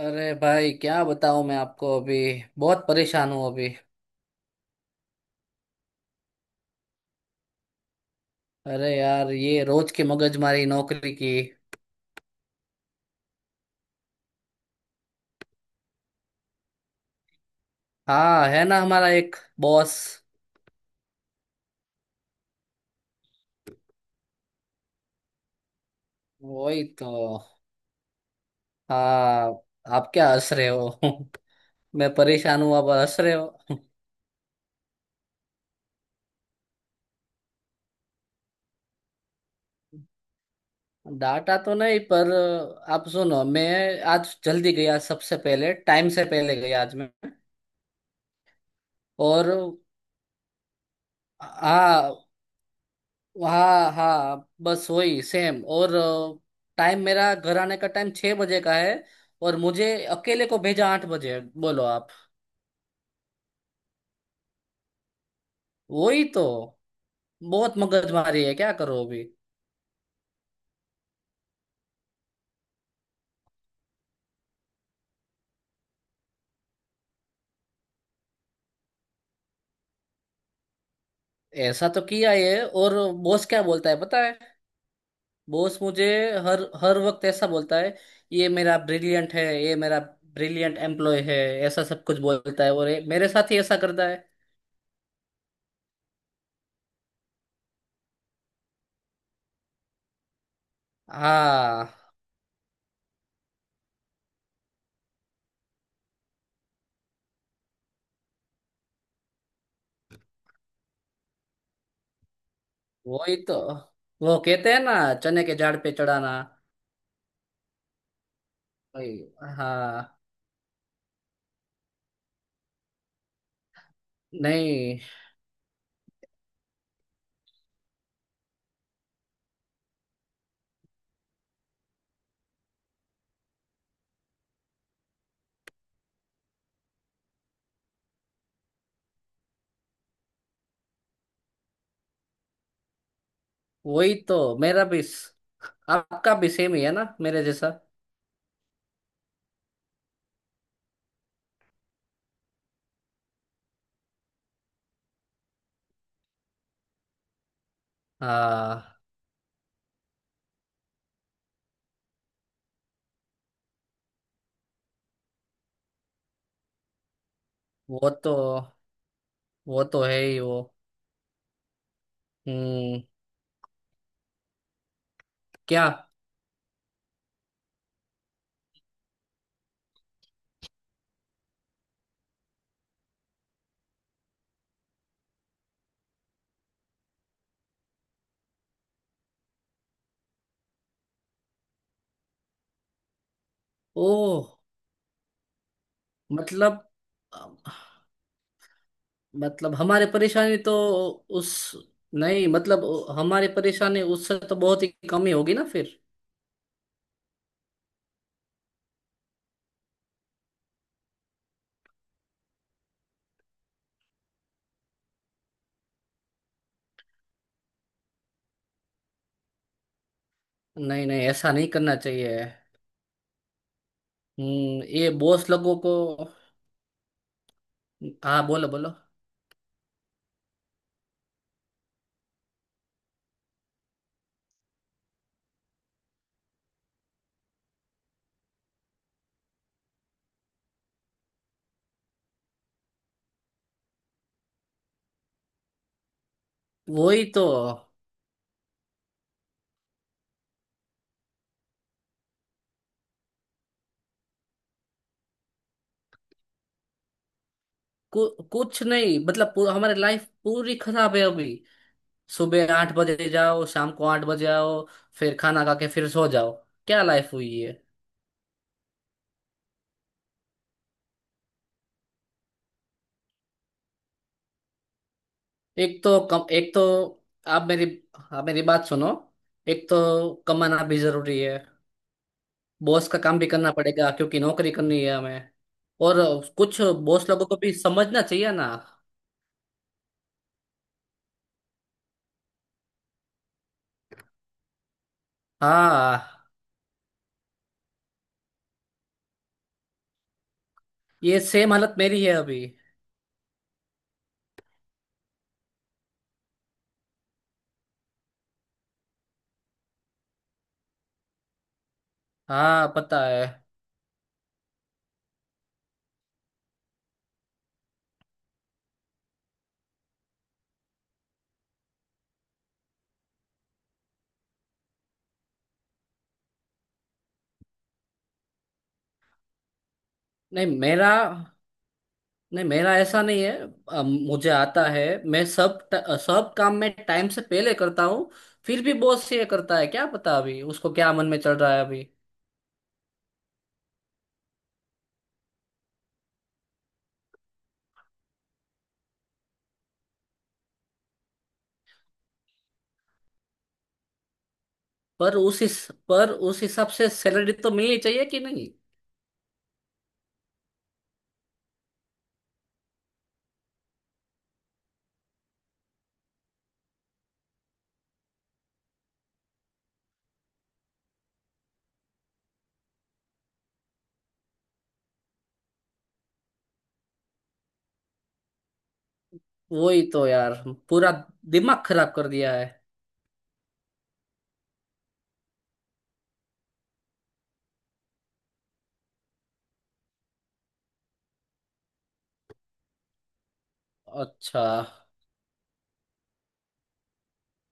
अरे भाई क्या बताऊं मैं आपको अभी। बहुत परेशान हूँ अभी। अरे यार ये रोज की मगजमारी नौकरी की। हाँ है ना हमारा एक बॉस। वही तो। हाँ। आप क्या हंस रहे हो? मैं परेशान हूँ, आप हंस रहे हो। डाटा तो नहीं पर आप सुनो। मैं आज जल्दी गया, सबसे पहले, टाइम से पहले गया आज मैं। और हाँ, हाँ बस वही सेम। और टाइम, मेरा घर आने का टाइम 6 बजे का है, और मुझे अकेले को भेजा 8 बजे, बोलो आप। वही तो, बहुत मगजमारी है, क्या करो अभी। ऐसा तो किया ये। और बॉस क्या बोलता है पता है? बॉस मुझे हर हर वक्त ऐसा बोलता है, ये मेरा ब्रिलियंट है, ये मेरा ब्रिलियंट एम्प्लॉय है। ऐसा सब कुछ बोलता है, और ये मेरे साथ ही ऐसा करता है। हाँ, वही तो। वो कहते हैं ना, चने के झाड़ पे चढ़ाना। वही। हाँ। नहीं, वही तो। आपका भी सेम ही है ना मेरे जैसा। हाँ। वो तो, वो तो है ही वो। हम्म। क्या? ओ। मतलब। मतलब हमारी परेशानी तो उस नहीं, मतलब हमारी परेशानी उससे तो बहुत ही कम ही होगी ना फिर। नहीं नहीं, ऐसा नहीं करना चाहिए। हम्म, ये बॉस लोगों को। हाँ, बोलो बोलो। वही तो। कुछ नहीं, मतलब पूरा, हमारी लाइफ पूरी खराब है अभी। सुबह 8 बजे जाओ, शाम को 8 बजे आओ, फिर खाना खा के फिर सो जाओ। क्या लाइफ हुई है। एक तो कम, एक तो आप मेरी आप मेरी बात सुनो। एक तो कमाना भी जरूरी है, बॉस का काम भी करना पड़ेगा, क्योंकि नौकरी करनी है हमें। और कुछ बॉस लोगों को भी समझना चाहिए ना। हाँ, ये सेम हालत मेरी है अभी। हाँ पता है। नहीं मेरा, नहीं मेरा ऐसा नहीं है। मुझे आता है, मैं सब सब काम में टाइम से पहले करता हूँ। फिर भी बॉस ये करता है, क्या पता अभी उसको क्या मन में चल रहा है अभी। पर उस हिसाब से सैलरी तो मिलनी चाहिए कि नहीं। वही तो यार, पूरा दिमाग खराब कर दिया है। अच्छा,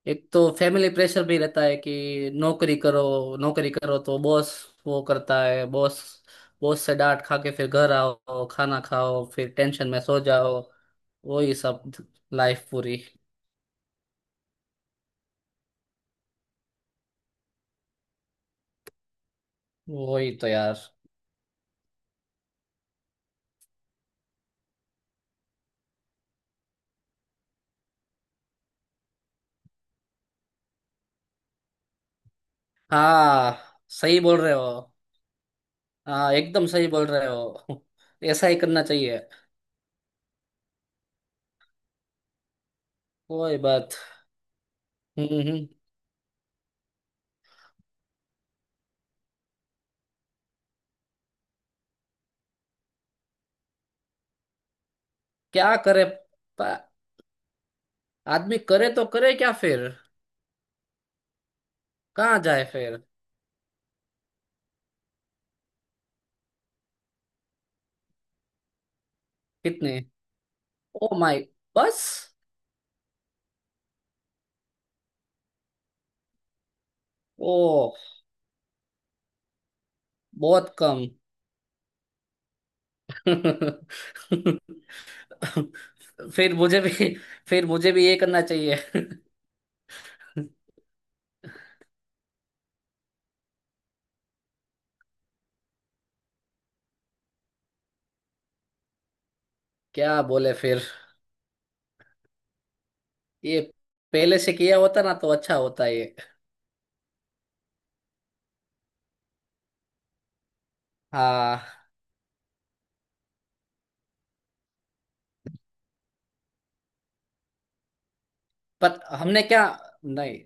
एक तो फैमिली प्रेशर भी रहता है कि नौकरी करो। नौकरी करो, तो बॉस वो करता है। बॉस, बॉस से डांट खा के फिर घर आओ, खाना खाओ, फिर टेंशन में सो जाओ। वही सब। लाइफ पूरी। वही तो यार। हाँ, सही बोल रहे हो। हाँ एकदम सही बोल रहे हो। ऐसा ही करना चाहिए। कोई बात। हम्म। हम्म। क्या करे? प- आदमी करे तो करे क्या फिर, कहाँ जाए फिर। कितने? Oh my. बस? ओ, बहुत कम। फिर मुझे भी, फिर मुझे भी ये करना चाहिए। क्या बोले फिर। ये पहले से किया होता ना तो अच्छा होता ये। हाँ। पर हमने क्या, नहीं,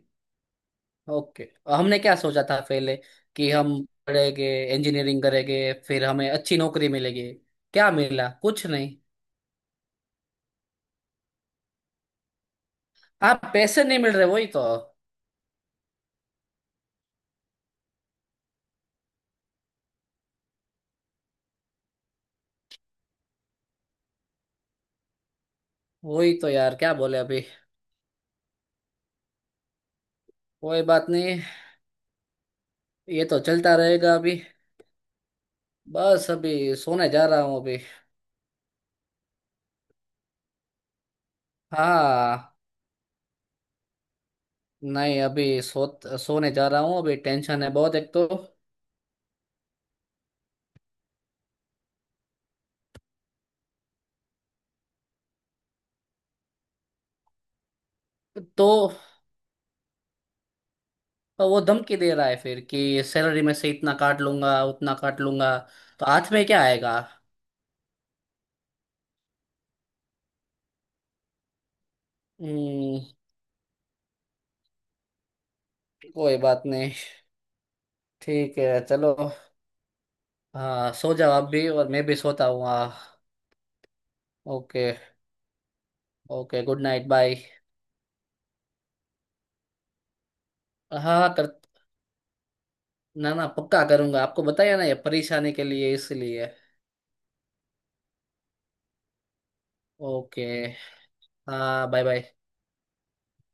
ओके, हमने क्या सोचा था पहले? कि हम पढ़ेंगे, इंजीनियरिंग करेंगे, फिर हमें अच्छी नौकरी मिलेगी। क्या मिला? कुछ नहीं। हाँ, पैसे नहीं मिल रहे, वही तो। वही तो यार, क्या बोले अभी। कोई बात नहीं, ये तो चलता रहेगा अभी। बस अभी सोने जा रहा हूँ अभी। हाँ। नहीं, अभी सोने जा रहा हूँ अभी, टेंशन है बहुत, एक तो। तो तो वो धमकी दे रहा है फिर कि सैलरी में से इतना काट लूंगा, उतना काट लूंगा। तो हाथ में क्या आएगा। हम्म। कोई बात नहीं। ठीक है चलो। हाँ, सो जाओ आप भी, और मैं भी सोता हूँ। हाँ, okay. Okay, good night, bye. हाँ हाँ, कर, ना ना, पक्का करूंगा, आपको बताया ना ये परेशानी के लिए इसलिए। ओके। हाँ, बाय बाय।